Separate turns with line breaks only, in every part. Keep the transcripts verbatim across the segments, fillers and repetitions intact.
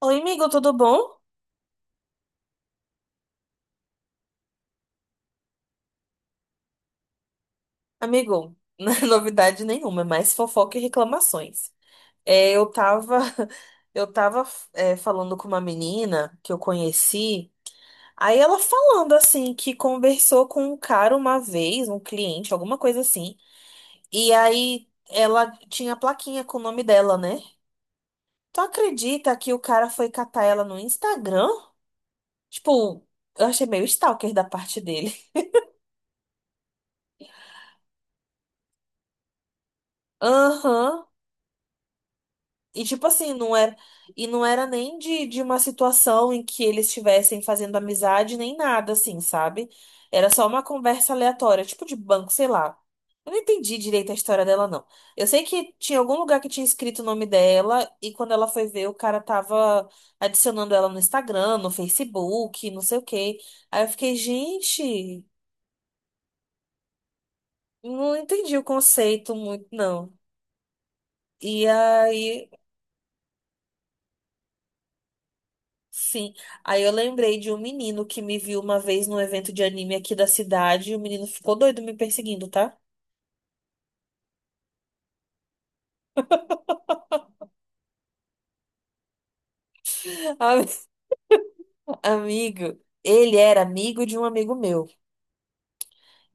Oi, amigo, tudo bom? Amigo, não é novidade nenhuma, é mais fofoca e reclamações. É, eu tava, eu tava, é, falando com uma menina que eu conheci, aí ela falando assim que conversou com um cara uma vez, um cliente, alguma coisa assim, e aí ela tinha a plaquinha com o nome dela, né? Tu acredita que o cara foi catar ela no Instagram? Tipo, eu achei meio stalker da parte dele. Aham. E tipo assim, não era, e não era nem de, de uma situação em que eles estivessem fazendo amizade, nem nada assim, sabe? Era só uma conversa aleatória, tipo de banco, sei lá. Eu não entendi direito a história dela, não. Eu sei que tinha algum lugar que tinha escrito o nome dela, e quando ela foi ver, o cara tava adicionando ela no Instagram, no Facebook, não sei o quê. Aí eu fiquei, gente, não entendi o conceito muito, não. E aí. Sim, aí eu lembrei de um menino que me viu uma vez num evento de anime aqui da cidade e o menino ficou doido me perseguindo, tá? Ami- Amigo, ele era amigo de um amigo meu.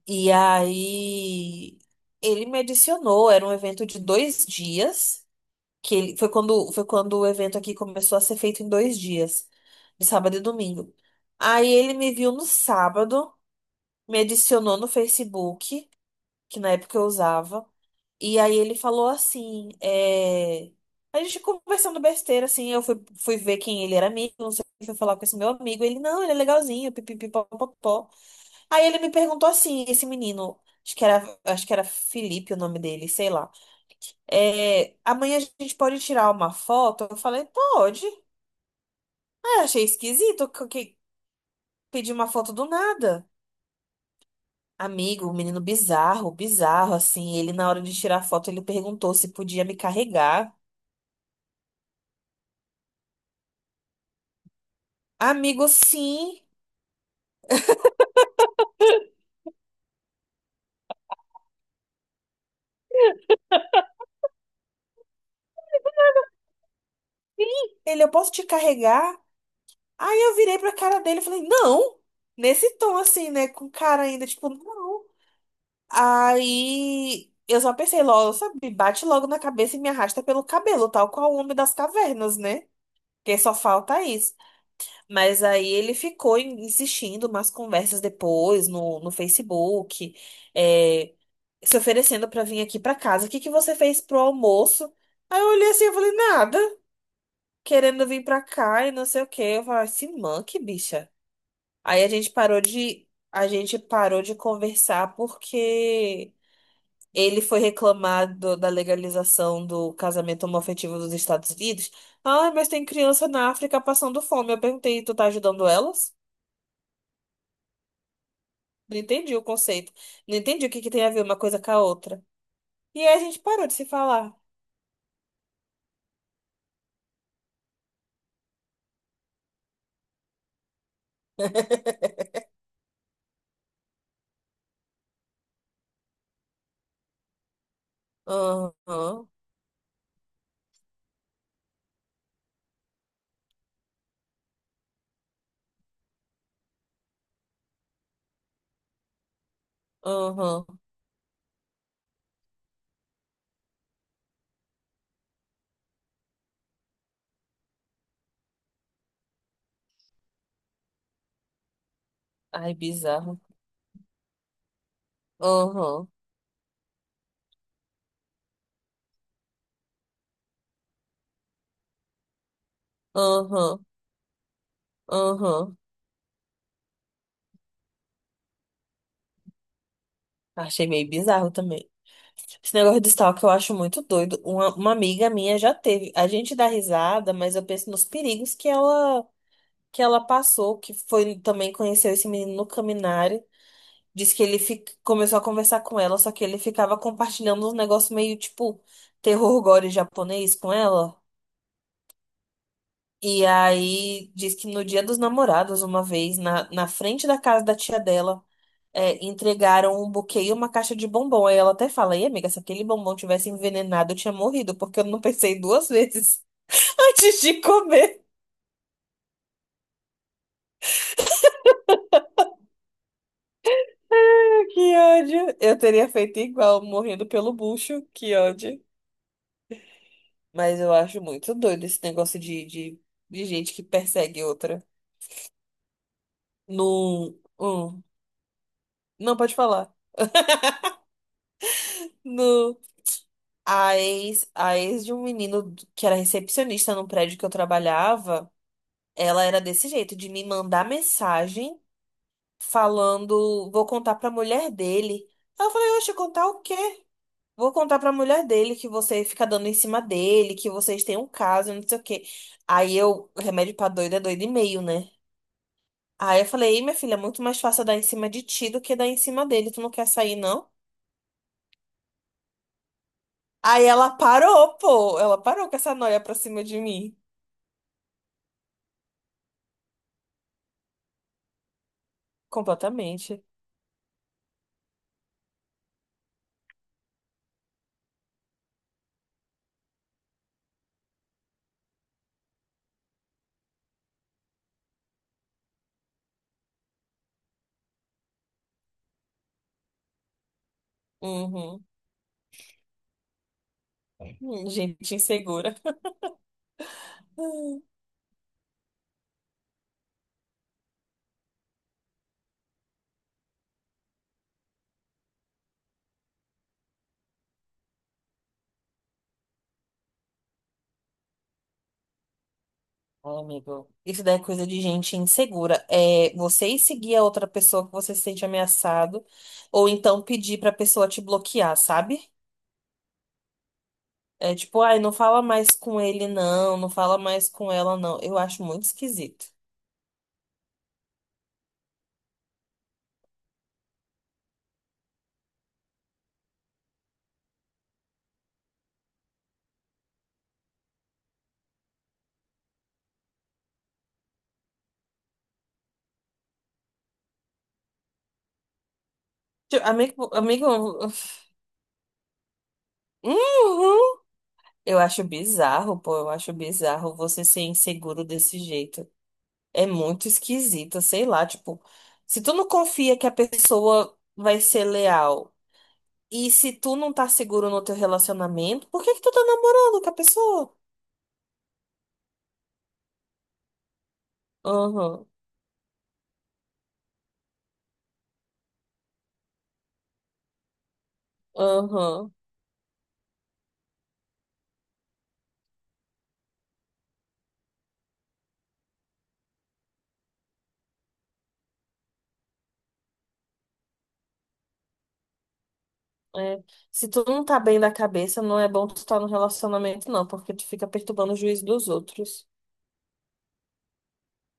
E aí ele me adicionou, era um evento de dois dias, que ele, foi quando, foi quando o evento aqui começou a ser feito em dois dias, de sábado e domingo. Aí ele me viu no sábado, me adicionou no Facebook, que na época eu usava. E aí ele falou assim, é... a gente conversando besteira, assim, eu fui, fui ver quem ele era amigo, não sei o que, fui falar com esse meu amigo, ele, não, ele é legalzinho, pipipipopopó. Aí ele me perguntou assim, esse menino, acho que era, acho que era Felipe o nome dele, sei lá, é... amanhã a gente pode tirar uma foto? Eu falei, pode. Ah, achei esquisito, que, que pedir uma foto do nada. Amigo, um menino bizarro, bizarro, assim. Ele, na hora de tirar foto, ele perguntou se podia me carregar. Amigo, sim. Ele, eu posso te carregar? Aí eu virei pra cara dele e falei, não! Nesse tom, assim, né? Com cara ainda, tipo, não. Aí eu só pensei logo, sabe? Bate logo na cabeça e me arrasta pelo cabelo, tal qual o homem das cavernas, né? Porque só falta isso. Mas aí ele ficou insistindo umas conversas depois no, no Facebook, é, se oferecendo pra vir aqui pra casa. O que que você fez pro almoço? Aí eu olhei assim e falei, nada, querendo vir pra cá e não sei o quê. Eu falei, se manque, bicha. Aí a gente parou de, A gente parou de conversar porque ele foi reclamar do- da legalização do casamento homoafetivo dos Estados Unidos. Ah, mas tem criança na África passando fome. Eu perguntei, tu tá ajudando elas? Não entendi o conceito. Não entendi o que que tem a ver uma coisa com a outra. E aí a gente parou de se falar. Aham, aham. Ai, bizarro. Aham, aham, aham. Achei meio bizarro também. Esse negócio de stalker eu acho muito doido. Uma, uma amiga minha já teve. A gente dá risada, mas eu penso nos perigos que ela que ela passou, que foi também conheceu esse menino no Caminhar. Diz que ele fi- começou a conversar com ela, só que ele ficava compartilhando uns negócios meio tipo terror gore japonês com ela. E aí diz que no dia dos namorados, uma vez, na, na frente da casa da tia dela, é, entregaram um buquê e uma caixa de bombom. Aí ela até fala, ei, amiga, se aquele bombom tivesse envenenado, eu tinha morrido, porque eu não pensei duas vezes antes de comer. Ah, que ódio! Eu teria feito igual, morrendo pelo bucho. Que ódio. Mas eu acho muito doido esse negócio de, de, de gente que persegue outra. No. Hum, não pode falar. No. A ex, a ex de um menino que era recepcionista num prédio que eu trabalhava, ela era desse jeito, de me mandar mensagem falando, vou contar pra mulher dele. Aí eu falei, oxe, contar o quê? Vou contar pra mulher dele que você fica dando em cima dele, que vocês têm um caso, não sei o quê. Aí eu, remédio pra doido é doido e meio, né? Aí eu falei, ei, minha filha, é muito mais fácil dar em cima de ti do que dar em cima dele. Tu não quer sair, não? Aí ela parou, pô. Ela parou com essa noia pra cima de mim. Completamente. Uhum. Hum, gente insegura. Hum. Ai, amigo. Isso daí é coisa de gente insegura. É você ir seguir a outra pessoa que você se sente ameaçado, ou então pedir pra pessoa te bloquear, sabe? É tipo, ai, não fala mais com ele, não, não fala mais com ela, não. Eu acho muito esquisito. Tipo, Amigo, amigo, uhum. Eu acho bizarro, pô, eu acho bizarro você ser inseguro desse jeito. É muito esquisita, sei lá, tipo, se tu não confia que a pessoa vai ser leal e se tu não tá seguro no teu relacionamento, por que que tu tá namorando com a pessoa? Aham, aham. É. Se tu não tá bem da cabeça, não é bom tu estar no relacionamento, não, porque tu fica perturbando o juízo dos outros.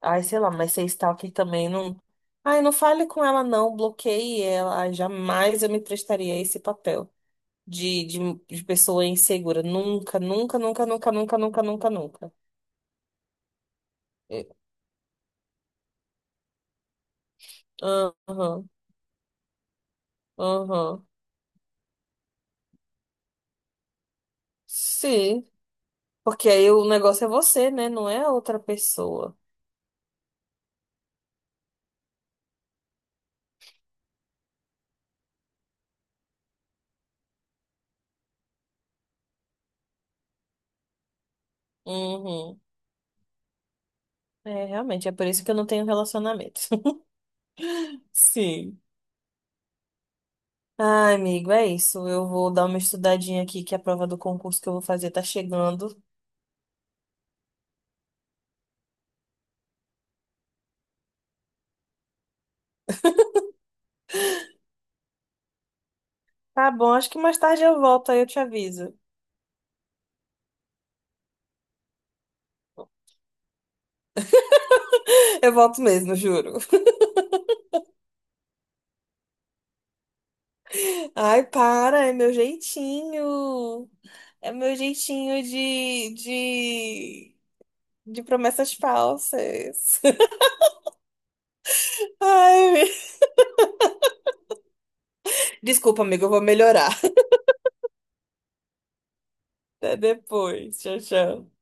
Ai, sei lá, mas ser stalker também não. Ai, não fale com ela, não, bloqueie ela. Ai, jamais eu me prestaria a esse papel. de, de, de pessoa insegura. Nunca, nunca, nunca, nunca, nunca, nunca, nunca, nunca. É. Aham, aham. Sim. Porque aí o negócio é você, né? Não é a outra pessoa. Uhum. É, realmente, é por isso que eu não tenho relacionamento. Sim. Ai, amigo, é isso. Eu vou dar uma estudadinha aqui, que a prova do concurso que eu vou fazer tá chegando. Tá bom, acho que mais tarde eu volto, aí eu te aviso. Eu volto mesmo, juro. Ai, para, é meu jeitinho. É o meu jeitinho de, de, de promessas falsas. Ai, me- Desculpa, amigo, eu vou melhorar. Até depois. Tchau, tchau.